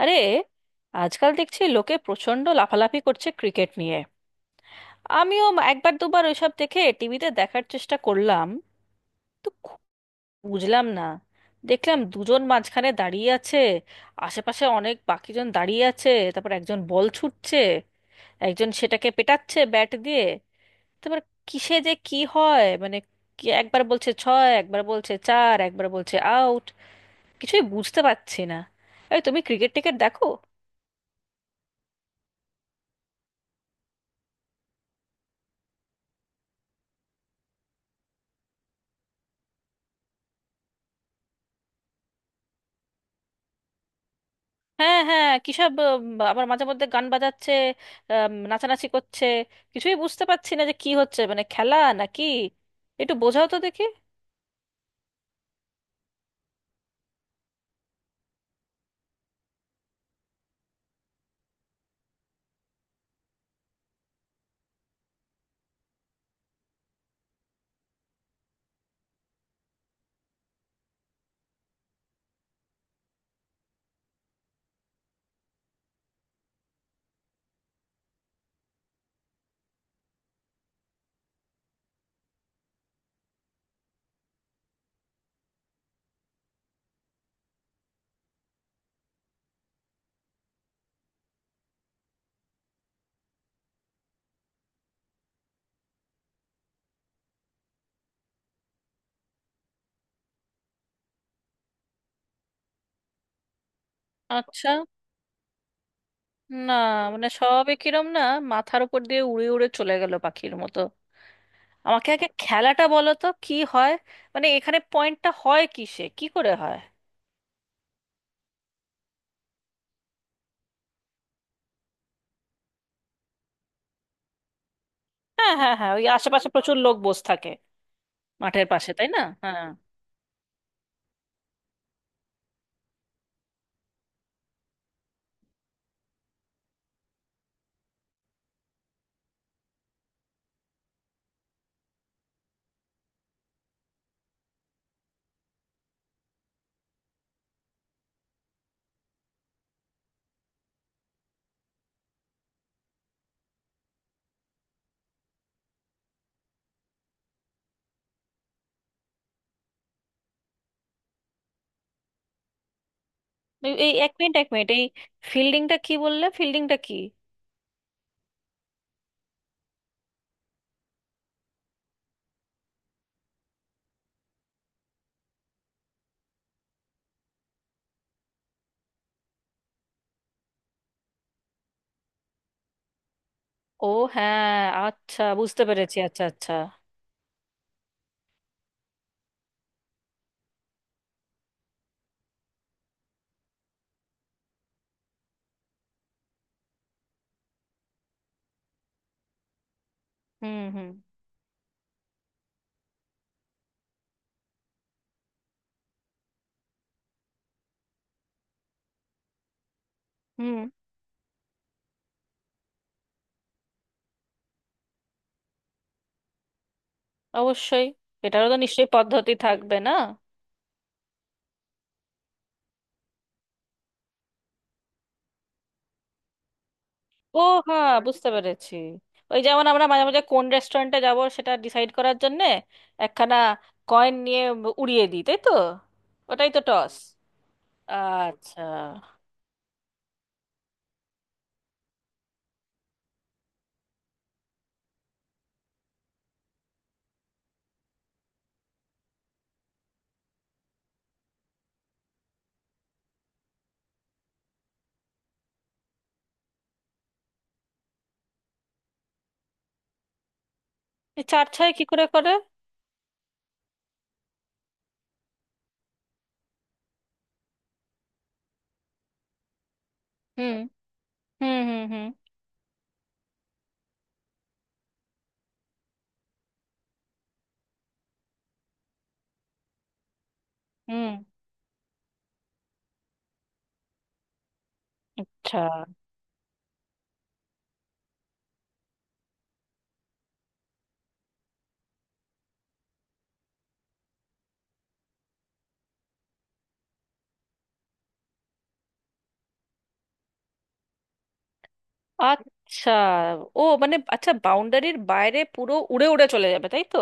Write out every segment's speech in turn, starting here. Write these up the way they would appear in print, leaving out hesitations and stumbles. আরে, আজকাল দেখছি লোকে প্রচণ্ড লাফালাফি করছে ক্রিকেট নিয়ে। আমিও একবার দুবার ওইসব দেখে, টিভিতে দেখার চেষ্টা করলাম। তো খু- বুঝলাম না। দেখলাম দুজন মাঝখানে দাঁড়িয়ে আছে, আশেপাশে অনেক বাকিজন দাঁড়িয়ে আছে, তারপর একজন বল ছুটছে, একজন সেটাকে পেটাচ্ছে ব্যাট দিয়ে। তারপর কিসে যে কি হয়, মানে কি একবার বলছে ছয়, একবার বলছে চার, একবার বলছে আউট। কিছুই বুঝতে পারছি না। এই, তুমি ক্রিকেট টিকেট দেখো? হ্যাঁ, হ্যাঁ, কিসব আবার মাঝে মধ্যে গান বাজাচ্ছে, নাচানাচি করছে। কিছুই বুঝতে পারছি না যে কি হচ্ছে, মানে খেলা নাকি! একটু বোঝাও তো দেখি। আচ্ছা। না, মানে সবে কিরম না মাথার উপর দিয়ে উড়ে উড়ে চলে গেল পাখির মতো। আমাকে আগে খেলাটা বলো তো কি হয়, মানে এখানে পয়েন্টটা হয় কিসে, কি করে হয়। হ্যাঁ, হ্যাঁ, হ্যাঁ, ওই আশেপাশে প্রচুর লোক বসে থাকে মাঠের পাশে, তাই না? হ্যাঁ। এই এই, এক মিনিট, এক মিনিট, এই ফিল্ডিংটা কি বললে? ফিল্ডিংটা কি? ও, হ্যাঁ, আচ্ছা, বুঝতে পেরেছি। আচ্ছা, আচ্ছা। হুম, হুম, হুম। অবশ্যই। এটারও তো নিশ্চয়ই পদ্ধতি থাকবে না? ও, হ্যাঁ, বুঝতে পেরেছি। ওই যেমন আমরা মাঝে মাঝে কোন রেস্টুরেন্টে যাব সেটা ডিসাইড করার জন্যে একখানা কয়েন নিয়ে উড়িয়ে দিই, তাই তো? ওটাই তো টস। আচ্ছা। এই চার ছয় কি করে করে? হুম, হুম, হুম, হুম, হুম। আচ্ছা, আচ্ছা। ও, মানে আচ্ছা, বাউন্ডারির বাইরে পুরো উড়ে উড়ে চলে যাবে, তাই তো?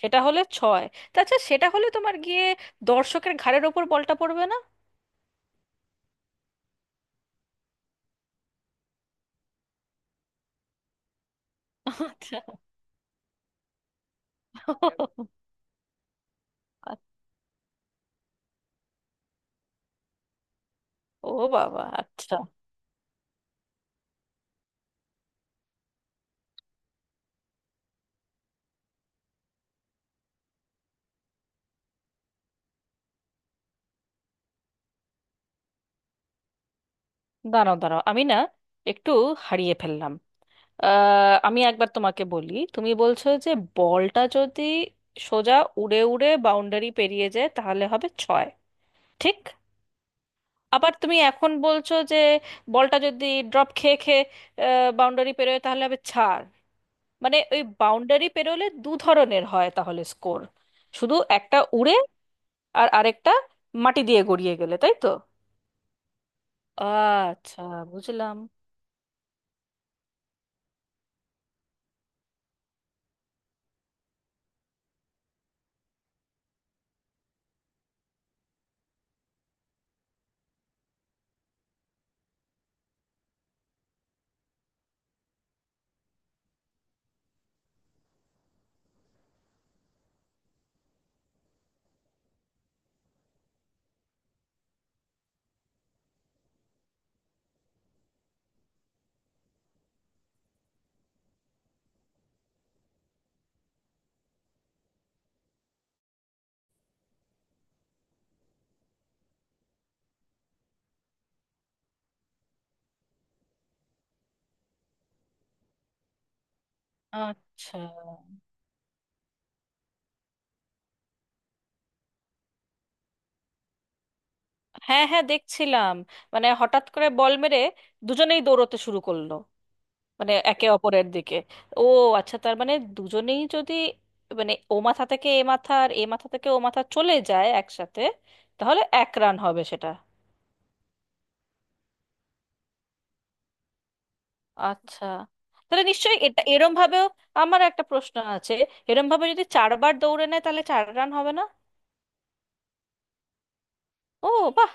সেটা হলে ছয়। তাছাড়া সেটা হলে তোমার গিয়ে দর্শকের ঘাড়ের ওপর বলটা পড়বে না? আচ্ছা। ও বাবা, আচ্ছা। দাঁড়াও, দাঁড়াও, আমি না একটু হারিয়ে ফেললাম। আমি একবার তোমাকে বলি, তুমি বলছো যে বলটা যদি সোজা উড়ে উড়ে বাউন্ডারি পেরিয়ে যায় তাহলে হবে ছয়, ঠিক? আবার তুমি এখন বলছো যে বলটা যদি ড্রপ খেয়ে খেয়ে বাউন্ডারি পেরোয় তাহলে হবে চার। মানে ওই বাউন্ডারি পেরোলে দু ধরনের হয় তাহলে স্কোর, শুধু একটা উড়ে আর আরেকটা মাটি দিয়ে গড়িয়ে গেলে, তাই তো? আচ্ছা, বুঝলাম। আচ্ছা। হ্যাঁ, হ্যাঁ, দেখছিলাম। মানে হঠাৎ করে বল মেরে দুজনেই দৌড়তে শুরু করলো, মানে একে অপরের দিকে। ও, আচ্ছা, তার মানে দুজনেই যদি, মানে ও মাথা থেকে এ মাথা আর এ মাথা থেকে ও মাথা চলে যায় একসাথে, তাহলে এক রান হবে সেটা। আচ্ছা, তাহলে নিশ্চয়ই এটা এরম ভাবেও, আমার একটা প্রশ্ন আছে, এরম ভাবে যদি চারবার দৌড়ে নেয় তাহলে চার রান হবে না? ও, বাহ।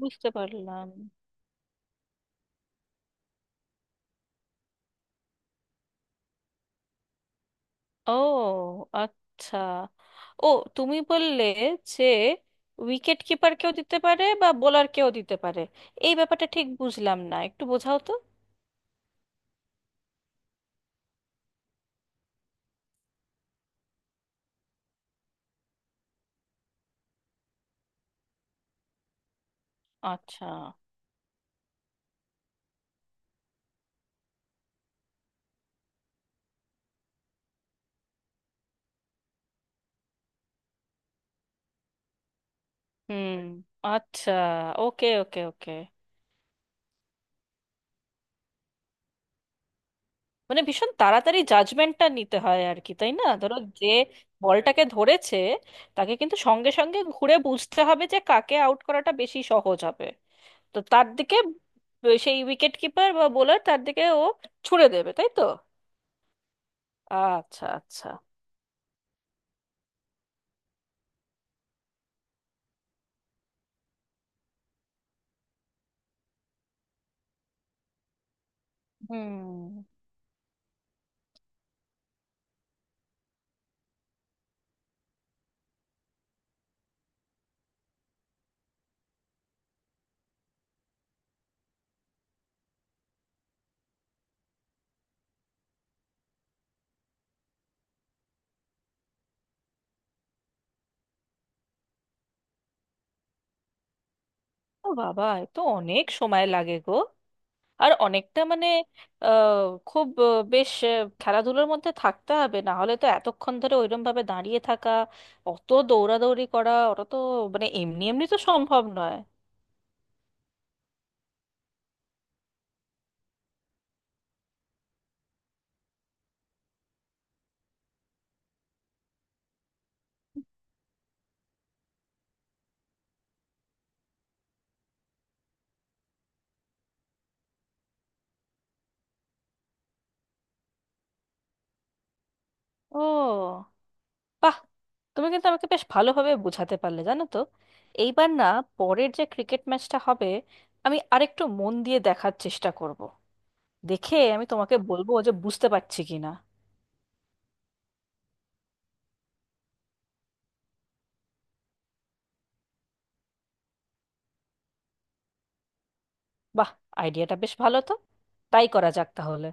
বুঝতে পারলাম। ও, আচ্ছা। ও, তুমি বললে যে উইকেট কিপার কেউ দিতে পারে বা বোলার কেউ দিতে পারে, এই ব্যাপারটা ঠিক বুঝলাম না, একটু বোঝাও তো। আচ্ছা। হুম। আচ্ছা, ওকে, ওকে, ওকে। মানে ভীষণ তাড়াতাড়ি জাজমেন্টটা নিতে হয় আর কি, তাই না? ধরো যে বলটাকে ধরেছে, তাকে কিন্তু সঙ্গে সঙ্গে ঘুরে বুঝতে হবে যে কাকে আউট করাটা বেশি সহজ হবে, তো তার দিকে সেই উইকেট কিপার বা বোলার তার দিকে ও ছুড়ে দেবে, তাই তো? আচ্ছা, আচ্ছা। হুম। ও বাবা, এ তো অনেক সময় লাগে গো। আর অনেকটা, মানে আহ, খুব বেশ খেলাধুলোর মধ্যে থাকতে হবে, না হলে তো এতক্ষণ ধরে ওইরকম ভাবে দাঁড়িয়ে থাকা, অত দৌড়াদৌড়ি করা ওটা তো, মানে এমনি এমনি তো সম্ভব নয়। ও, বাহ, তুমি কিন্তু আমাকে বেশ ভালোভাবে বোঝাতে পারলে, জানো তো। এইবার না পরের যে ক্রিকেট ম্যাচটা হবে, আমি আরেকটু মন দিয়ে দেখার চেষ্টা করব, দেখে আমি তোমাকে বলবো যে বুঝতে পারছি কিনা। বাহ, আইডিয়াটা বেশ ভালো তো, তাই করা যাক তাহলে।